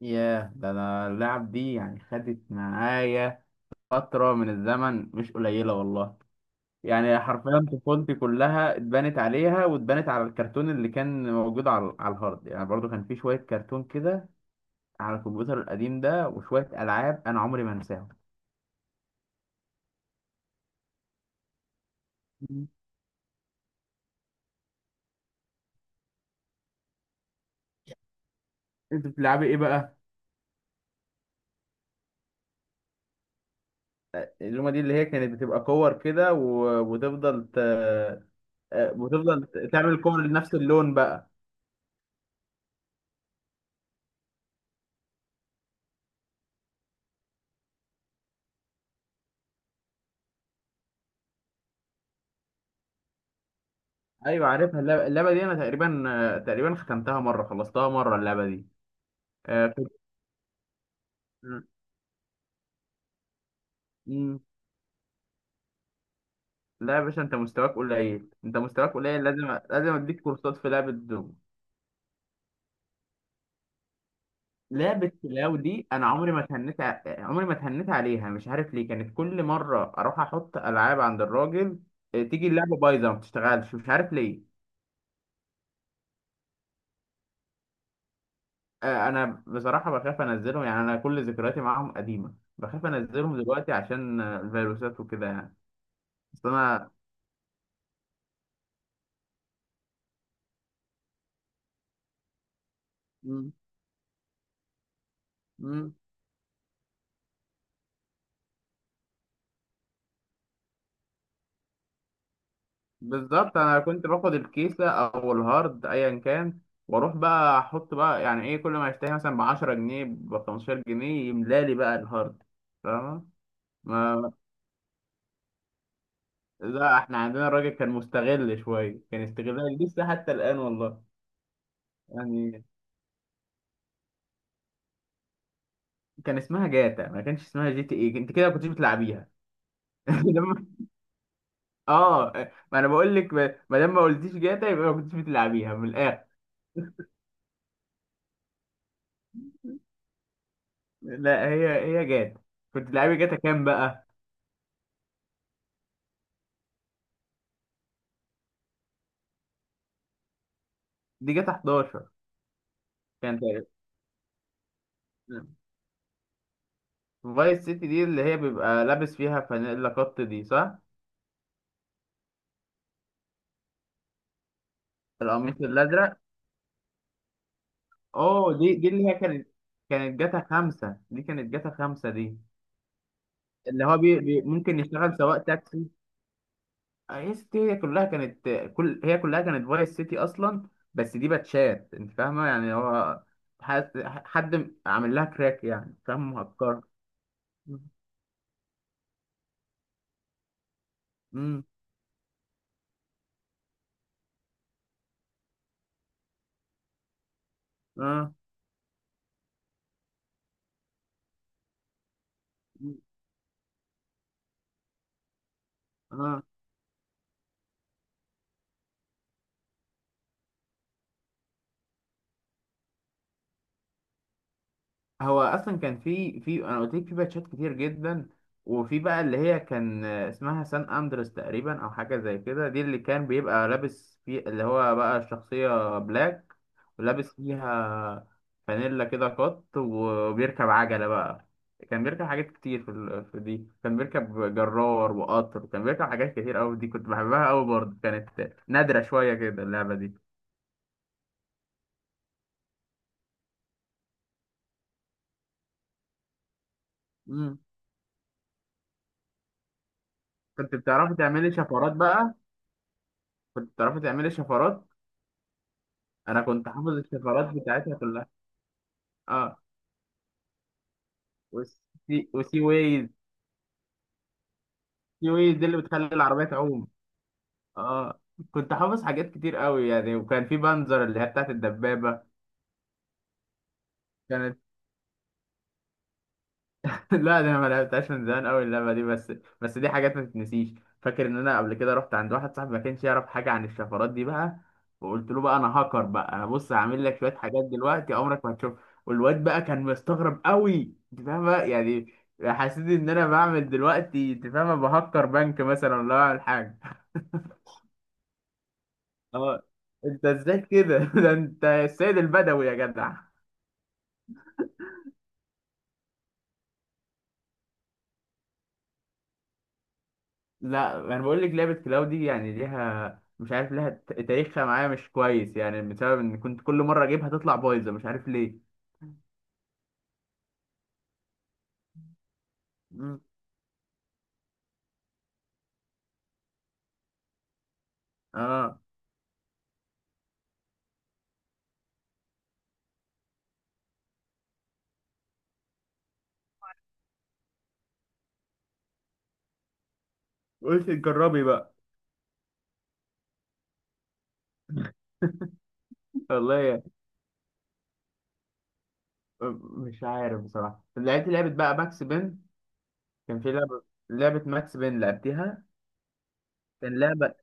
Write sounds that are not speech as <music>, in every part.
ياه، ده انا اللعب دي يعني خدت معايا فترة من الزمن مش قليلة والله. يعني حرفيا طفولتي كلها اتبنت عليها، واتبنت على الكرتون اللي كان موجود على الهارد. يعني برضو كان في شوية كرتون كده على الكمبيوتر القديم ده، وشوية ألعاب أنا عمري ما أنساهم. مم. أنت بتلعبي إيه بقى؟ اللومة دي اللي هي كانت بتبقى كور كده وتفضل ت... آه، وتفضل تعمل كور لنفس اللون بقى. ايوه، عارفها اللعبة دي انا تقريبا ختمتها مره، خلصتها مره اللعبه دي. آه، كنت مم. لا يا باشا، انت مستواك قليل، انت مستواك قليل، لازم لازم اديك كورسات في لعبه دوم. لعبه كلاو دي انا عمري ما اتهنيت عمري ما اتهنيت عليها، مش عارف ليه. كانت كل مره اروح احط العاب عند الراجل، آه، تيجي اللعبه بايظه، ما بتشتغلش، مش عارف ليه. آه، انا بصراحه بخاف انزلهم. يعني انا كل ذكرياتي معاهم قديمه، بخاف انزلهم دلوقتي عشان الفيروسات وكده يعني. بس انا مم. مم. بالظبط، انا كنت باخد الكيسه او الهارد ايا كان، واروح بقى احط بقى يعني ايه، كل ما اشتري مثلا ب 10 جنيه ب 15 جنيه يملالي بقى الهارد، فاهمه؟ ما لا، احنا عندنا الراجل كان مستغل شويه، كان استغلال لسه حتى الان والله يعني. كان اسمها جاتا، ما كانش اسمها جي تي ايه، انت كده ما كنتش بتلعبيها. <laughs> لما- اه، ما انا بقول لك، ما دام ما قلتيش جاتا يبقى ما كنتش بتلعبيها من الاخر. لا، هي هي جاتا. كنت بتلعبي جاتا كام بقى؟ دي جاتا 11. فايس سيتي دي اللي هي بيبقى لابس فيها فانيلا قط دي، صح؟ القميص الأزرق. اه، دي اللي هي كانت جاتا 5 دي، كانت جاتا 5 دي اللي هو بي ممكن يشتغل سواق تاكسي. هي سيتي هي كلها كانت، هي كلها كانت فايس سيتي أصلا، بس دي باتشات. أنت فاهمة يعني هو حد عامل لها كراك يعني، فاهم؟ مهكرة. مم. اه، اه، هو اصلا كان في انا قلت لك في باتشات كتير جدا. وفي بقى اللي هي كان اسمها سان اندرس تقريبا، او حاجه زي كده، دي اللي كان بيبقى لابس في اللي هو بقى الشخصيه بلاك، ولابس فيها فانيلا كده قط وبيركب عجله بقى. كان بيركب حاجات كتير في دي، كان بيركب جرار وقطر، كان بيركب حاجات كتير قوي. دي كنت بحبها قوي برضه، كانت نادره شويه كده اللعبه دي. مم. كنت بتعرفي تعملي شفرات بقى؟ كنت بتعرفي تعملي شفرات. انا كنت حافظ الشفرات بتاعتها كلها. اه، والسي وسي ويز. سي ويز دي اللي بتخلي العربيه تعوم. اه، كنت حافظ حاجات كتير قوي يعني، وكان في بنزر اللي هي بتاعت الدبابه. كانت <laughs> لا، ده انا ما لعبتهاش من زمان قوي اللعبه دي، بس بس دي حاجات ما تتنسيش. فاكر ان انا قبل كده رحت عند واحد صاحبي ما كانش يعرف حاجه عن الشفرات دي بقى، وقلت له بقى انا هاكر بقى. انا بص، هعمل لك شويه حاجات دلوقتي عمرك ما هتشوف. والواد بقى كان مستغرب قوي، انت فاهم بقى يعني؟ حسيت ان انا بعمل دلوقتي، انت فاهم، بهكر بنك مثلا ولا بعمل حاجه. اه، <laughs> انت ازاي كده؟ <laughs> ده انت السيد البدوي يا جدع. لا، انا بقول لك لعبه كلاو دي يعني ليها، مش عارف ليها تاريخها معايا مش كويس، يعني بسبب ان كنت كل مره اجيبها تطلع بايظه، مش عارف ليه. مم. اه، قلت جربي بقى. <laughs> والله يعني مش عارف بصراحه، لعبت لعبه بقى ماكس بين. كان في لعبه ماكس بين لعبتها. كان لعبه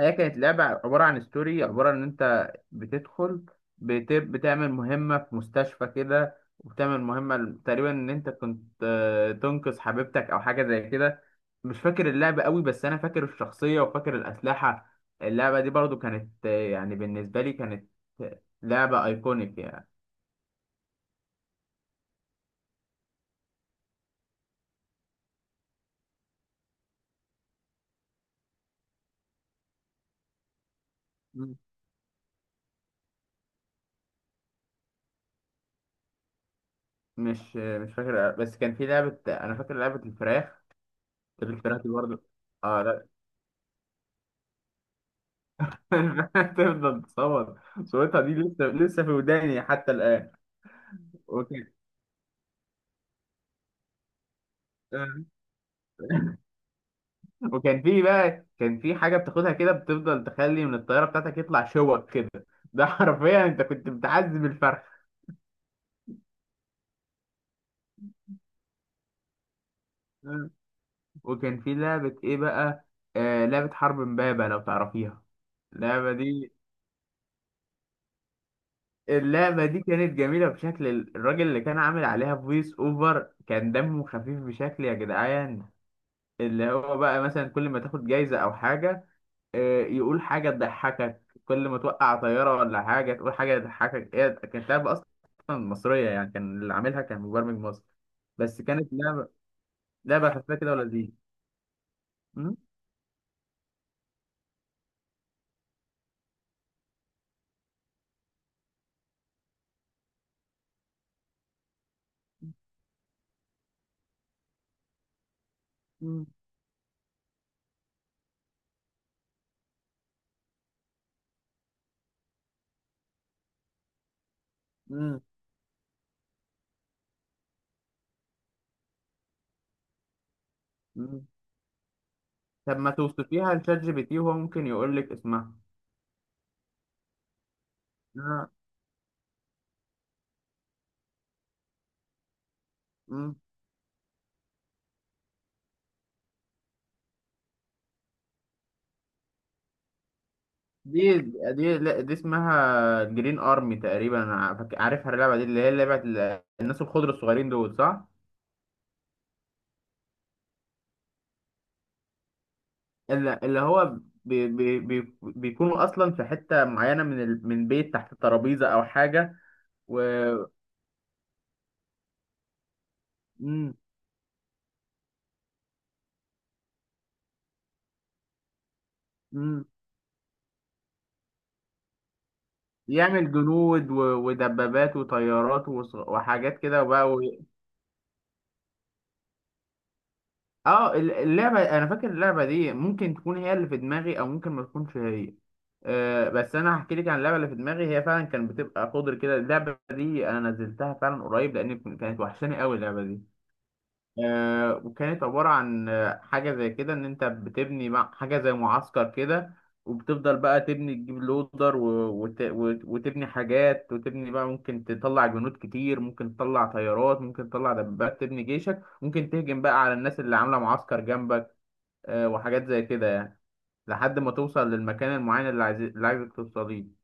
هي كانت لعبة عبارة عن ستوري، عبارة إن أنت بتدخل، بتعمل مهمة في مستشفى كده، وبتعمل مهمة تقريبا إن أنت كنت تنقذ حبيبتك أو حاجة زي كده. مش فاكر اللعبة قوي، بس أنا فاكر الشخصية وفاكر الأسلحة. اللعبة دي برضو كانت يعني بالنسبة لي كانت لعبة أيكونيك يعني. مم. مش فاكر، بس كان في لعبة أنا فاكر لعبة الفراخ. الفراخ دي برضو. آه، <laughs> تفضل تصور صورتها، دي لسه لسه في وداني حتى الآن. وكان آه، وكان في بقى كان في حاجة بتاخدها كده، بتفضل تخلي من الطيارة بتاعتك يطلع شوك كده. <laughs> ده حرفيا انت كنت بتعذب الفرخ. وكان في لعبة ايه بقى؟ آه، لعبة حرب امبابة لو تعرفيها. اللعبة دي اللعبة دي كانت جميلة بشكل. الراجل اللي كان عامل عليها فويس اوفر كان دمه خفيف بشكل يا جدعان. اللي هو بقى مثلا كل ما تاخد جايزة او حاجة يقول حاجة تضحكك، كل ما توقع طيارة ولا حاجة تقول حاجة تضحكك. هي كانت لعبة أصلا مصرية يعني، كان اللي عاملها كان مبرمج مصري. بس كانت لعبة خفيفة كده ولذيذة. م? م- م- م. طب ما توصفيها لشات جي بي تي، وهو ممكن يقول لك اسمها. آه، م. دي دي لا، دي اسمها جرين ارمي تقريبا، أنا عارفها اللعبه دي، اللي هي لعبه الناس الخضر الصغيرين دول، صح؟ اللي هو بي بي بي بيكونوا اصلا في حته معينه من من بيت تحت الترابيزه او حاجه. و مم. مم. يعمل جنود ودبابات وطيارات وحاجات كده وبقى. اه، اللعبه انا فاكر اللعبه دي ممكن تكون هي اللي في دماغي، او ممكن ما تكونش هي. آه، بس انا هحكي لك عن اللعبه اللي في دماغي. هي فعلا كانت بتبقى قدر كده اللعبه دي، انا نزلتها فعلا قريب لان كانت وحشاني قوي اللعبه دي. وكانت عبارة عن حاجة زي كده، إن أنت بتبني مع حاجة زي معسكر كده. وبتفضل بقى تبني، تجيب لودر وتبني حاجات، وتبني بقى، ممكن تطلع جنود كتير، ممكن تطلع طيارات، ممكن تطلع دبابات، تبني جيشك، ممكن تهجم بقى على الناس اللي عاملة معسكر جنبك. وحاجات زي كده يعني، لحد ما توصل للمكان المعين اللي اللي عايزك توصليه.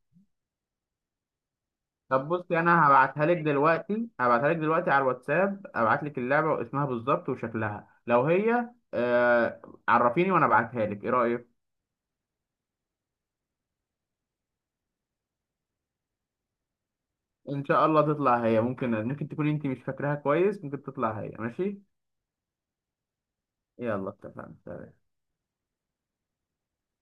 طب بصي، انا هبعتها لك دلوقتي على الواتساب. ابعت لك اللعبه واسمها بالظبط وشكلها، لو هي عرفيني وانا ابعتها لك، ايه رايك؟ ان شاء الله تطلع هي. ممكن تكون انت مش فاكراها كويس، ممكن تطلع هي. ماشي. يلا، اتفقنا.